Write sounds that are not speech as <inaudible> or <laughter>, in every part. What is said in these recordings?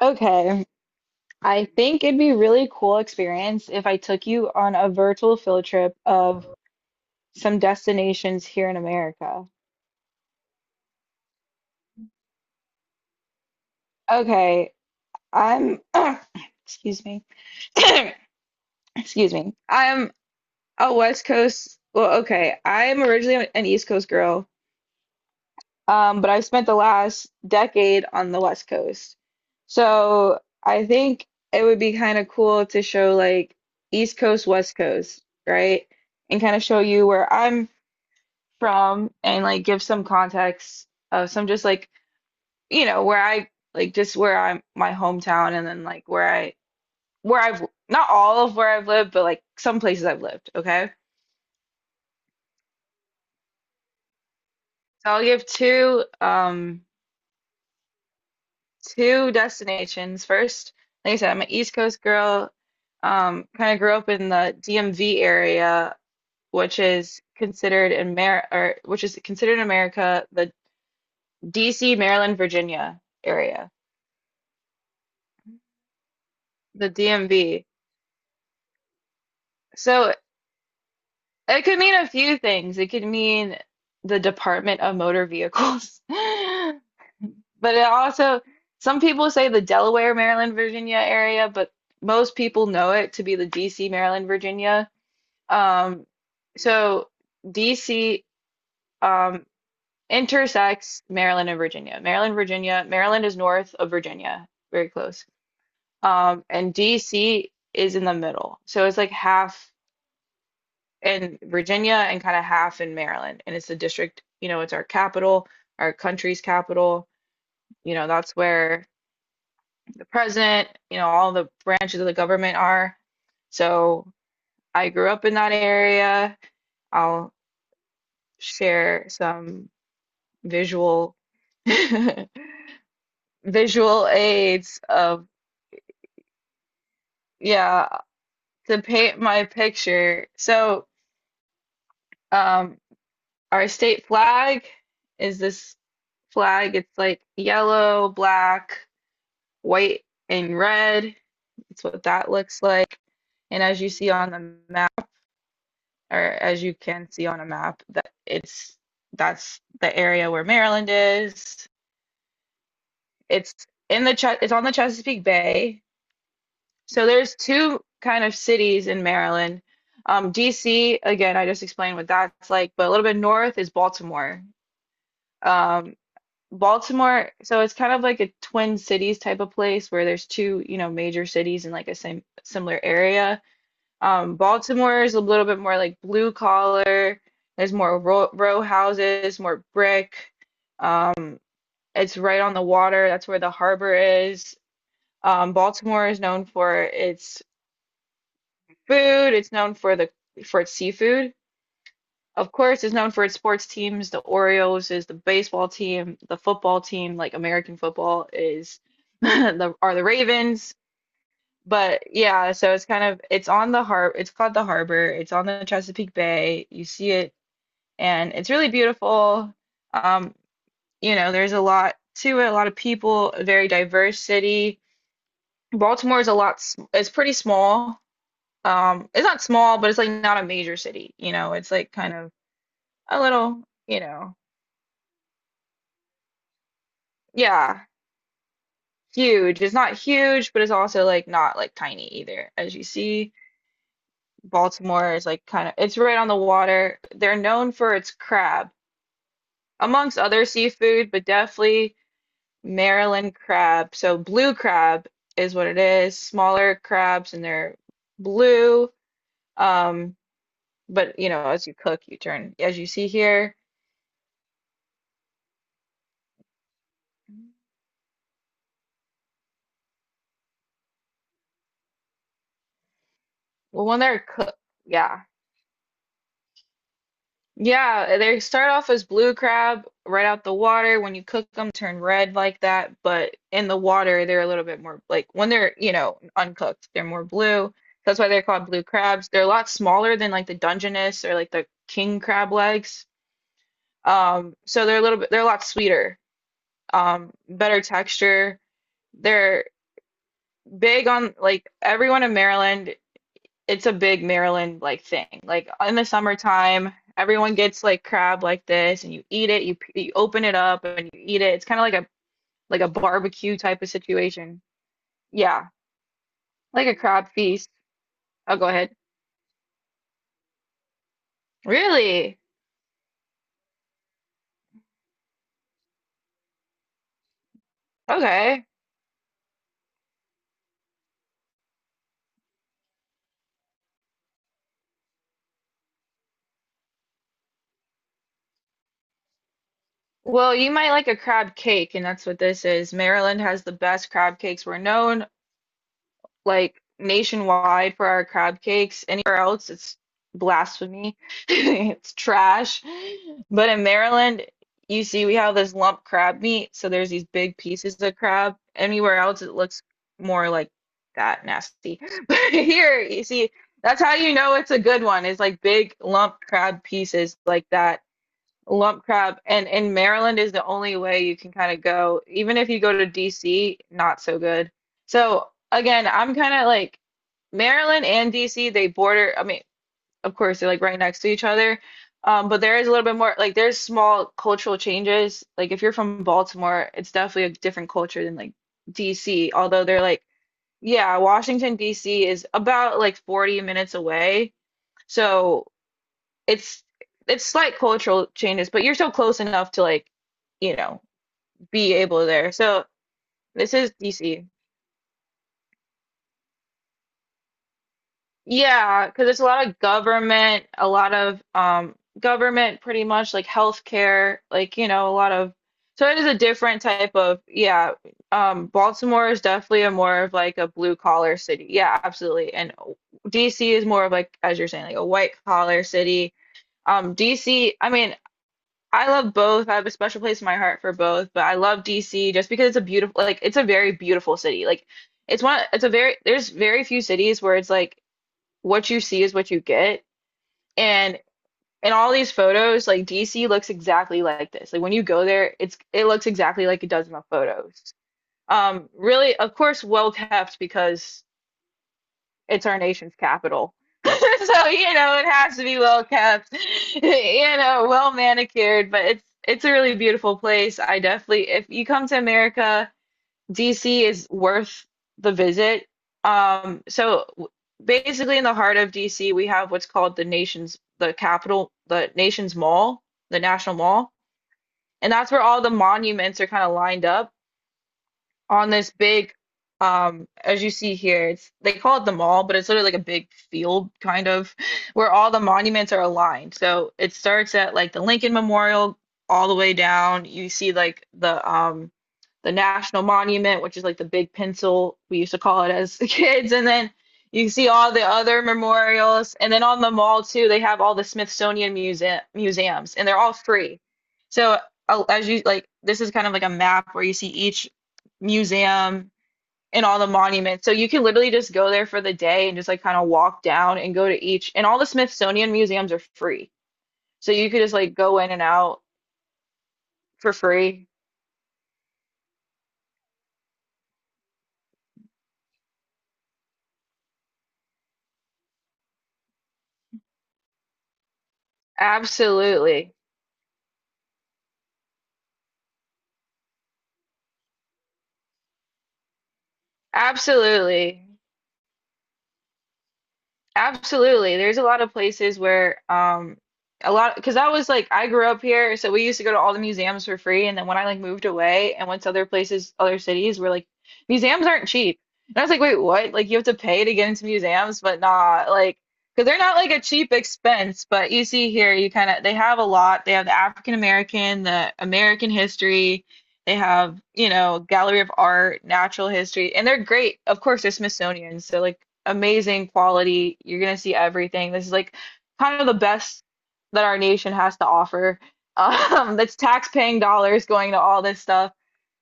Okay, I think it'd be really cool experience if I took you on a virtual field trip of some destinations here in America. Okay, I'm <coughs> <clears throat> excuse me. <clears throat> Excuse me. I'm a West Coast, well, okay, I'm originally an East Coast girl, but I've spent the last decade on the West Coast. So I think it would be kind of cool to show like East Coast, West Coast, right? And kind of show you where I'm from and like give some context of some just like where I like just where I'm my hometown and then like where I where I've not all of where I've lived but like some places I've lived, okay, so I'll give two two destinations. First, like I said, I'm an East Coast girl, um, kind of grew up in the DMV area, which is considered in Mar or which is considered in America the DC, Maryland, Virginia area, the DMV. So it could mean a few things. It could mean the Department of Motor Vehicles. <laughs> But it also, some people say the Delaware, Maryland, Virginia area, but most people know it to be the DC, Maryland, Virginia. Um, so DC, um, intersects Maryland and Virginia. Maryland, Virginia, Maryland is north of Virginia, very close. And DC is in the middle. So it's like half in Virginia and kind of half in Maryland. And it's the district, you know, it's our capital, our country's capital. You know, that's where the president, you know, all the branches of the government are. So I grew up in that area. I'll share some visual <laughs> visual aids of, yeah, to paint my picture. So, um, our state flag is this flag. It's like yellow, black, white and red. That's what that looks like. And as you see on the map, or as you can see on a map, that it's that's the area where Maryland is. It's in the Ches- it's on the Chesapeake Bay. So there's two kind of cities in Maryland. DC, again, I just explained what that's like, but a little bit north is Baltimore. Um, Baltimore, so it's kind of like a twin cities type of place where there's two, you know, major cities in like a same similar area. Baltimore is a little bit more like blue collar. There's more row, row houses, more brick. Um, it's right on the water. That's where the harbor is. Baltimore is known for its food. It's known for the for its seafood. Of course, it's known for its sports teams. The Orioles is the baseball team. The football team, like American football, is <laughs> the are the Ravens. But yeah, so it's kind of it's on the har it's called the harbor. It's on the Chesapeake Bay. You see it and it's really beautiful. Um, you know, there's a lot to it, a lot of people, a very diverse city. Baltimore is a lot s- it's pretty small. It's not small, but it's like not a major city, you know. It's like kind of a little, you know. Yeah, huge. It's not huge, but it's also like not like tiny either, as you see. Baltimore is like kind of it's right on the water. They're known for its crab, amongst other seafood, but definitely Maryland crab. So blue crab is what it is. Smaller crabs and they're blue. Um, but you know, as you cook, you turn as you see here. Well, when they're cooked, yeah. Yeah, they start off as blue crab right out the water. When you cook them, turn red like that, but in the water, they're a little bit more like when they're, you know, uncooked, they're more blue. That's why they're called blue crabs. They're a lot smaller than like the Dungeness or like the king crab legs. So they're a little bit, they're a lot sweeter, better texture. They're big on like everyone in Maryland, it's a big Maryland like thing. Like in the summertime, everyone gets like crab like this, and you eat it. You open it up and you eat it. It's kind of like a barbecue type of situation. Yeah, like a crab feast. Oh, go ahead. Really? Okay. Well, you might like a crab cake, and that's what this is. Maryland has the best crab cakes. We're known like nationwide for our crab cakes. Anywhere else, it's blasphemy. <laughs> It's trash. But in Maryland, you see, we have this lump crab meat, so there's these big pieces of crab. Anywhere else, it looks more like that nasty. <laughs> But here, you see, that's how you know it's a good one. It's like big lump crab pieces like that lump crab and in Maryland is the only way you can kind of go. Even if you go to DC, not so good. So again, I'm kind of like Maryland and DC, they border, I mean, of course they're like right next to each other. But there is a little bit more like there's small cultural changes. Like if you're from Baltimore, it's definitely a different culture than like DC, although they're like, yeah, Washington DC is about like 40 minutes away. So it's it's slight cultural changes, but you're still close enough to like, you know, be able there. So this is DC. Yeah, because it's a lot of government, a lot of government pretty much like healthcare, like, you know, a lot of so it is a different type of, yeah, um, Baltimore is definitely a more of like a blue collar city. Yeah, absolutely. And DC is more of like as you're saying, like a white collar city. Um, DC, I mean, I love both. I have a special place in my heart for both, but I love DC just because it's a beautiful, like it's a very beautiful city. Like it's one, it's a very, there's very few cities where it's like what you see is what you get. And in all these photos, like DC looks exactly like this. Like when you go there, it's it looks exactly like it does in the photos. Really, of course, well kept because it's our nation's capital. <laughs> So, you know, it has to be well kept, <laughs> you know, well manicured, but it's a really beautiful place. I definitely, if you come to America, DC is worth the visit. So w- basically in the heart of DC, we have what's called the nation's the capital, the nation's mall, the National Mall, and that's where all the monuments are kind of lined up on this big, um, as you see here, it's they call it the mall but it's literally like a big field kind of where all the monuments are aligned. So it starts at like the Lincoln Memorial all the way down, you see like the, um, the National Monument, which is like the big pencil we used to call it as <laughs> kids, and then you see all the other memorials, and then on the mall too they have all the Smithsonian muse- museums, and they're all free. So, as you like this is kind of like a map where you see each museum and all the monuments. So you can literally just go there for the day and just like kind of walk down and go to each. And all the Smithsonian museums are free. So you could just like go in and out for free. Absolutely. Absolutely. Absolutely. There's a lot of places where, um, a lot because I was like I grew up here, so we used to go to all the museums for free. And then when I like moved away and went to other places, other cities were like museums aren't cheap. And I was like, wait, what? Like you have to pay to get into museums, but not like because they're not like a cheap expense. But you see here, you kind of they have a lot. They have the African American, the American history. They have, you know, gallery of art, natural history, and they're great. Of course, they're Smithsonian, so like amazing quality. You're gonna see everything. This is like kind of the best that our nation has to offer. <laughs> That's tax-paying dollars going to all this stuff.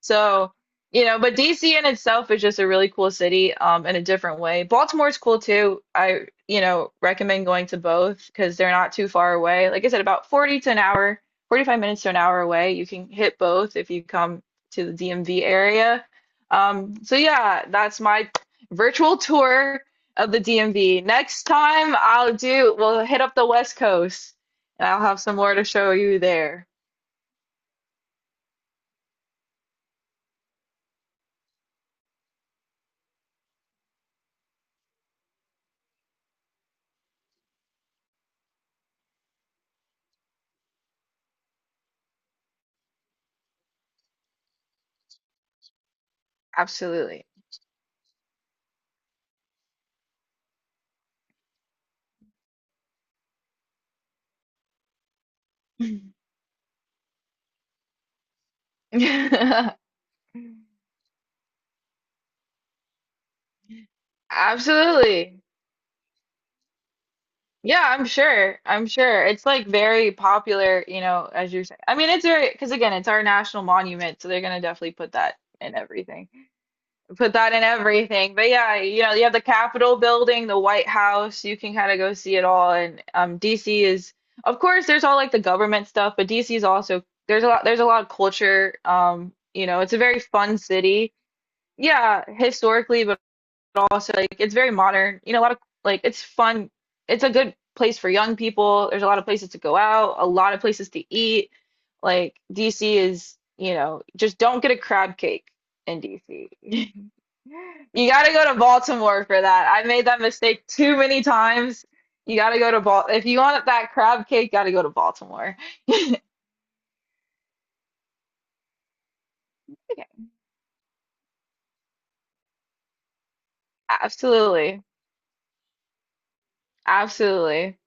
So, you know, but DC in itself is just a really cool city, in a different way. Baltimore's cool too. I, you know, recommend going to both because they're not too far away. Like I said, about 40 to an hour 45 minutes to an hour away. You can hit both if you come to the DMV area. So yeah, that's my virtual tour of the DMV. Next time I'll do, we'll hit up the West Coast and I'll have some more to show you there. Absolutely. <laughs> Absolutely. Yeah, I'm sure. I'm sure. It's like very popular, you know, as you're saying. I mean, it's very, because again, it's our national monument, so they're gonna definitely put that in everything. Put that in everything. But yeah, you know, you have the Capitol building, the White House, you can kind of go see it all. And, um, DC is of course there's all like the government stuff, but DC is also there's a lot of culture. You know, it's a very fun city. Yeah, historically, but also like it's very modern. You know, a lot of like it's fun. It's a good place for young people. There's a lot of places to go out, a lot of places to eat. Like DC is, you know, just don't get a crab cake in DC. <laughs> You gotta go to Baltimore for that. I made that mistake too many times. You gotta go to Bal if you want that crab cake, gotta go to Baltimore. <laughs> Absolutely. Absolutely.